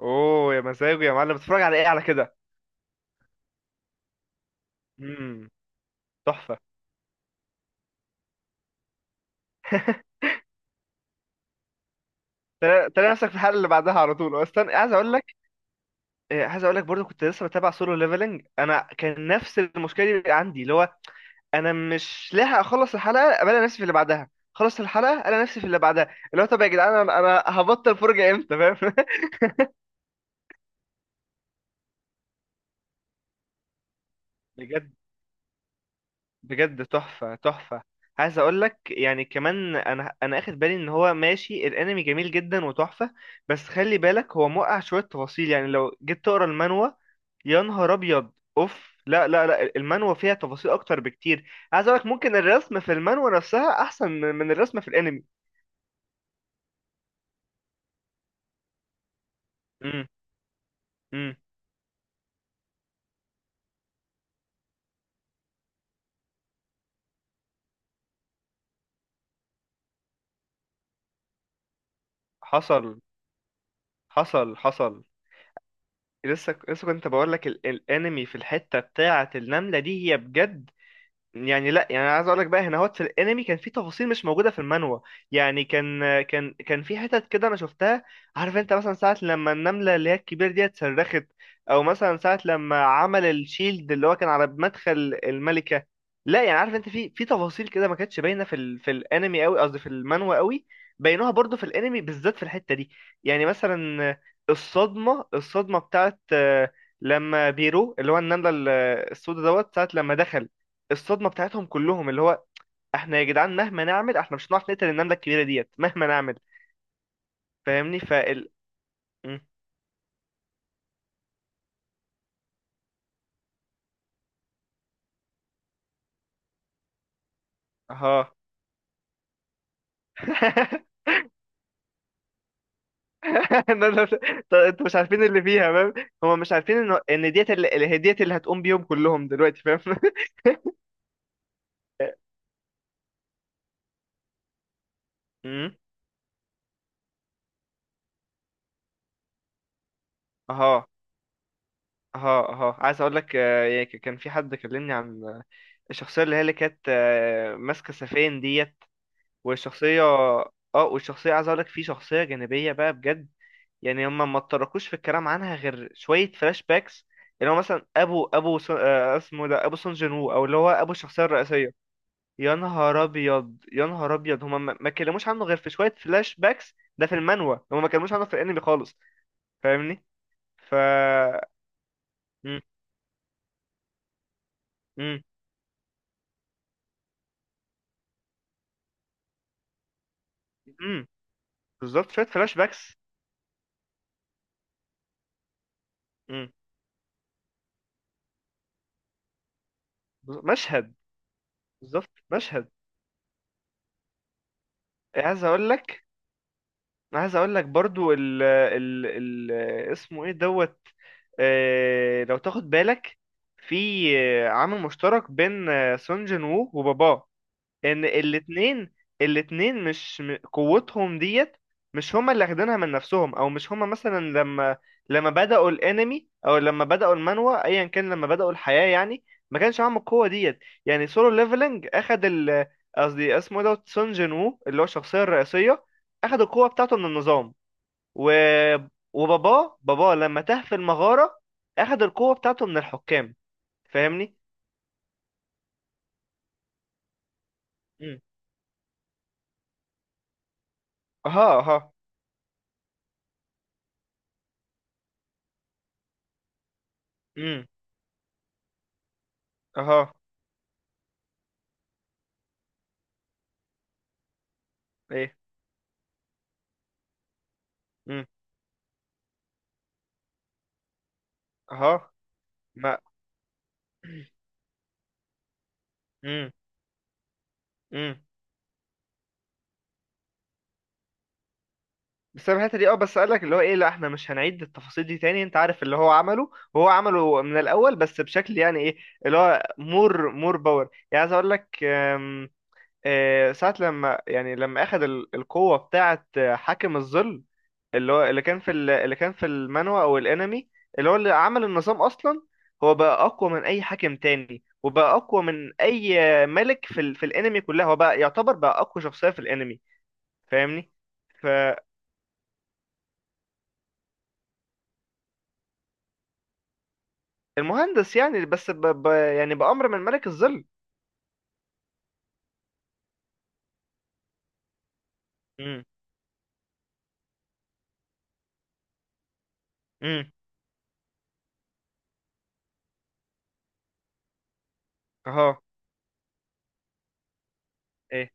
اوه يا مزاجه يا معلم، بتتفرج على ايه على كده؟ امم. تحفه. تلاقي تلاقي نفسك في الحلقه اللي بعدها على طول اصلا عايز اقول لك. عايز اقول لك برضو كنت لسه بتابع سولو ليفلنج. انا كان نفس المشكله دي عندي، اللي هو انا مش لاحق اخلص الحلقه الاقي نفسي في اللي بعدها، خلص الحلقه الاقي نفسي في اللي بعدها، اللي هو طب يا جدعان انا هبطل فرجه امتى، فاهم؟ بجد، بجد، تحفة، تحفة. عايز اقول لك يعني كمان انا اخد بالي ان هو ماشي الانمي جميل جدا وتحفة. بس خلي بالك هو موقع شوية تفاصيل، يعني لو جيت تقرا المانوا يا نهار ابيض، اوف لا لا لا، المانوا فيها تفاصيل اكتر بكتير. عايز اقول لك ممكن الرسم في المانوا نفسها احسن من الرسم في الانمي. امم. امم. حصل، حصل، حصل. لسه لسه كنت بقول لك الانمي في الحتة بتاعة النملة دي هي بجد. يعني لا، يعني أنا عايز اقول لك بقى هنا هوت في الانمي كان في تفاصيل مش موجوده في المانوا. يعني كان في حتت كده انا شفتها. عارف انت مثلا ساعه لما النمله اللي هي الكبيره دي اتصرخت، او مثلا ساعه لما عمل الشيلد اللي هو كان على مدخل الملكه. لا يعني، عارف انت في تفاصيل كده ما كانتش باينه في الانمي قوي، قصدي في المانوا قوي. بينوها برضو في الانمي بالذات في الحته دي. يعني مثلا الصدمه الصدمه بتاعت لما بيرو اللي هو النمله السوداء دوت ساعه لما دخل، الصدمه بتاعتهم كلهم، اللي هو احنا يا جدعان مهما نعمل احنا مش هنعرف نقتل النمله الكبيره ديت مهما نعمل. فاهمني م. اها. لا، لا، لا. طب انتوا مش عارفين اللي فيها، فاهم؟ هما مش عارفين ان ديت هي ديت اللي هتقوم بيهم كلهم دلوقتي، فاهم؟ امم. اها. اها. اها. عايز اقول لك، يعني كان في حد كلمني عن، الشخصيه اللي هي اللي كانت، ماسكه سفين ديت. والشخصيه، اه والشخصيه، عايز اقول لك في شخصيه جانبيه بقى بجد. يعني هم ما اتطرقوش في الكلام عنها غير شويه فلاش باكس، اللي هو مثلا ابو ابو سون، اسمه ده ابو سون جين وو، او اللي هو ابو الشخصيه الرئيسيه. يا نهار ابيض، يا نهار ابيض، هم ما اتكلموش عنه غير في شويه فلاش باكس ده في المانوا، هم ما اتكلموش عنه في الانمي خالص. فاهمني ف مم. مم. مم. بالظبط، شويه فلاش باكس. مم. مشهد، بالظبط مشهد. عايز اقول لك انا عايز اقول لك برضو ال اسمه ايه دوت، لو تاخد بالك في عامل مشترك بين، سون جين وو وباباه، ان الاتنين، مش قوتهم ديت، مش هما اللي اخدينها من نفسهم، او مش هما مثلا لما بدأوا الانمي او لما بدأوا المانوا ايا كان، لما بدأوا الحياة يعني ما كانش معاهم القوة ديت. يعني سولو ليفلنج اخد قصدي اسمه إيه دوت سون جين وو اللي هو الشخصية الرئيسية اخد القوة بتاعته من النظام. و وباباه، باباه لما تاه في المغارة اخد القوة بتاعته من الحكام. فاهمني؟ امم. اها. اها. امم. اها. ايه. اه. ما. امم. امم. بسبب الحته دي، اه، بس قال لك اللي هو ايه، لا احنا مش هنعيد التفاصيل دي تاني، انت عارف اللي هو عمله، وهو عمله من الاول بس بشكل يعني ايه، اللي هو مور باور، يعني عايز اقول لك، ساعه لما يعني لما اخذ القوه بتاعه، حاكم الظل، اللي هو اللي كان في المانوا او الانمي، اللي هو اللي عمل النظام اصلا. هو بقى اقوى من اي حاكم تاني، وبقى اقوى من اي ملك في الانمي كلها، هو بقى يعتبر بقى اقوى شخصيه في الانمي. فاهمني؟ فالمهندس يعني، بس يعني بأمر من ملك الظل. امم. امم. اهو. ايه.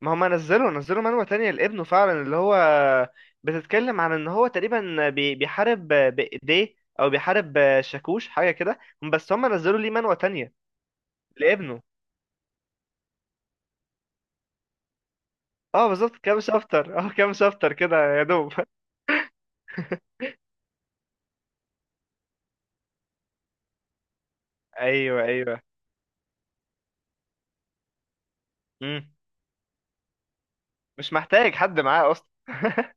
ما هم نزلوا نزلوا منوة تانية لابنه فعلا، اللي هو بتتكلم عن ان هو تقريبا بيحارب بإيديه، او بيحارب شاكوش حاجة كده، بس هم نزلوا ليه منوة تانية لابنه. اه، بالظبط، كام شابتر كده يا دوب. ايوه، ايوه. امم. مش محتاج حد معاه اصلا.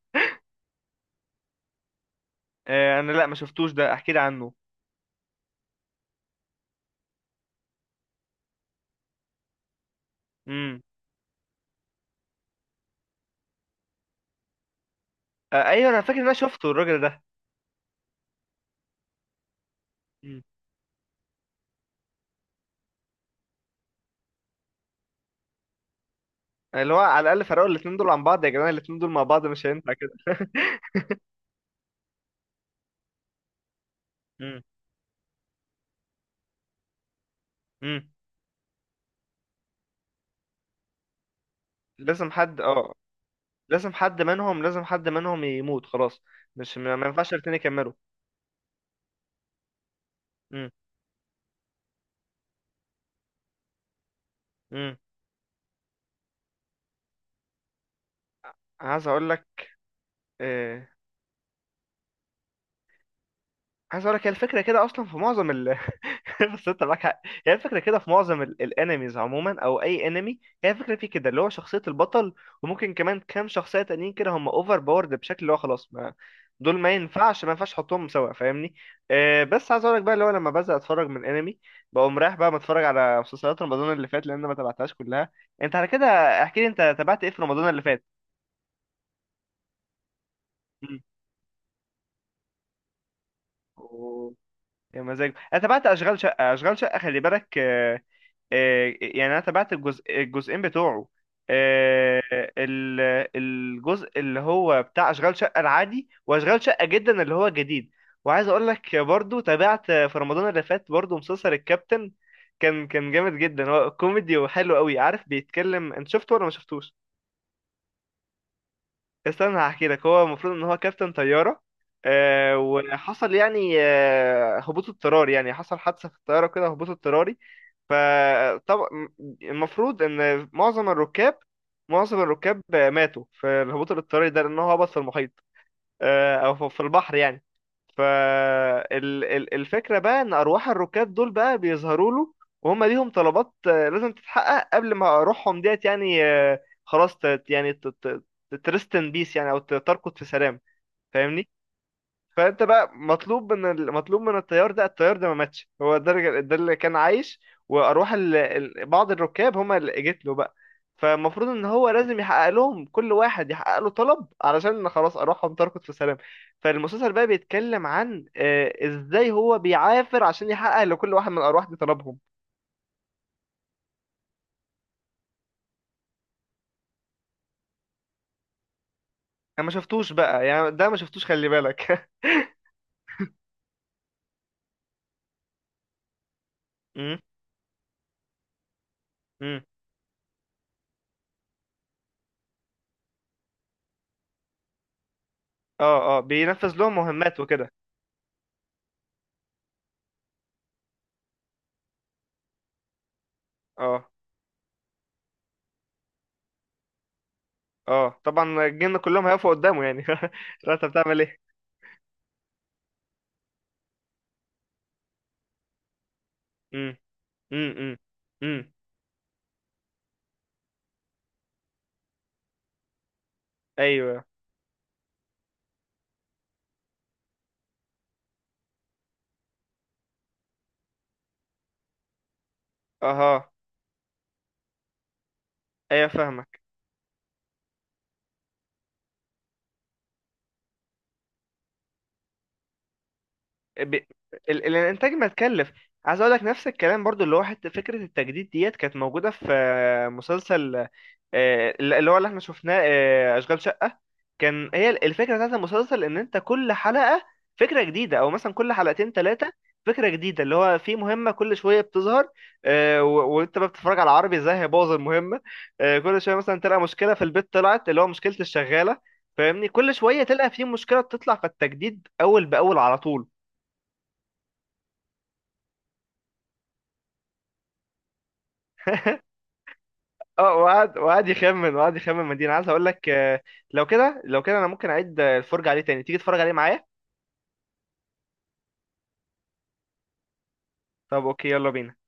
انا لا ما شفتوش ده، احكي لي عنه. امم. ايوه، انا فاكر ان انا شفته الراجل ده. مم. اللي هو على الاقل فرقوا الاتنين دول عن بعض، يا جدعان الاتنين دول مع بعض مش هينفع كده. مم. مم. لازم حد، لازم حد منهم يموت خلاص، مش ما ينفعش الاتنين يكملوا. مم. مم. عايز اقول لك آه، عايز اقول لك هي الفكره كده اصلا في معظم بس انت معاك حق، هي الفكره كده في معظم الانميز عموما، او اي انمي هي الفكره فيه كده، اللي هو شخصيه البطل وممكن كمان كام شخصيه تانيين كده هم اوفر باورد بشكل اللي هو خلاص، ما دول ما ينفعش تحطهم سوا، فاهمني؟ بس عايز اقول لك بقى، اللي هو لما بزهق اتفرج من انمي بقوم رايح بقى متفرج على مسلسلات رمضان اللي فات، لان أنا ما تابعتهاش كلها. انت على كده احكي لي، انت تابعت ايه في رمضان اللي فات؟ مم. أوه. يا مزاج، انا تابعت اشغال شقه، اشغال شقه خلي بالك، يعني انا تابعت الجزء، الجزئين بتوعه، آه، ال- الجزء اللي هو بتاع اشغال شقه العادي، واشغال شقه جدا اللي هو جديد. وعايز اقول لك برضو، تابعت في رمضان اللي فات برضو مسلسل الكابتن. كان جامد جدا، هو كوميدي وحلو قوي. عارف بيتكلم، انت شفته ولا ما شفتوش؟ استنى هحكي لك. هو المفروض ان هو كابتن طياره، وحصل يعني هبوط اضطراري، يعني حصل حادثه في الطياره كده، هبوط اضطراري. فطبعا المفروض ان معظم الركاب، ماتوا في الهبوط الاضطراري ده لان هو هبط في المحيط، او في البحر يعني. فالفكرة بقى ان ارواح الركاب دول بقى بيظهروا له، وهم ليهم طلبات لازم تتحقق قبل ما روحهم ديت يعني خلاص يعني ترست ان بيس يعني، او ترقد في سلام. فاهمني؟ فانت بقى مطلوب مطلوب من الطيار ده، الطيار ده ما ماتش، هو ده ده اللي كان عايش، واروح بعض الركاب هما اللي جت له بقى. فالمفروض ان هو لازم يحقق لهم، كل واحد يحقق له طلب علشان خلاص اروحهم تركض في سلام. فالمسلسل بقى بيتكلم عن ازاي هو بيعافر عشان يحقق لكل واحد من الارواح دي طلبهم. انا ما شفتوش بقى يعني ده، ما شفتوش خلي بالك. امم. امم. اه. اه. بينفذ لهم مهمات وكده. اه، اه، طبعا الجن كلهم هيقفوا قدامه يعني. لو انت بتعمل ايه. امم. امم. امم. أمم. ايوه. اها. ايوه فاهمك. ب... ال... الانتاج ما تكلف. عايز اقول لك نفس الكلام برضو، اللي هو حتى فكره التجديد ديت كانت موجوده في مسلسل، اللي هو اللي احنا شفناه، اشغال شقه. كان هي الفكره بتاعت المسلسل ان انت كل حلقه فكره جديده، او مثلا كل حلقتين ثلاثه فكره جديده، اللي هو في مهمه كل شويه بتظهر، وانت بقى بتتفرج على عربي ازاي هيبوظ المهمه. كل شويه مثلا تلقى مشكله في البيت، طلعت اللي هو مشكله الشغاله. فاهمني، كل شويه تلقى في مشكله بتطلع، فالتجديد اول باول على طول. اه، وقعد، يخمن، وقعد يخمن مدينة. عايز اقول لك لو كده لو كده انا ممكن اعيد الفرجة عليه تاني، تيجي تتفرج عليه معايا. طب اوكي، يلا بينا.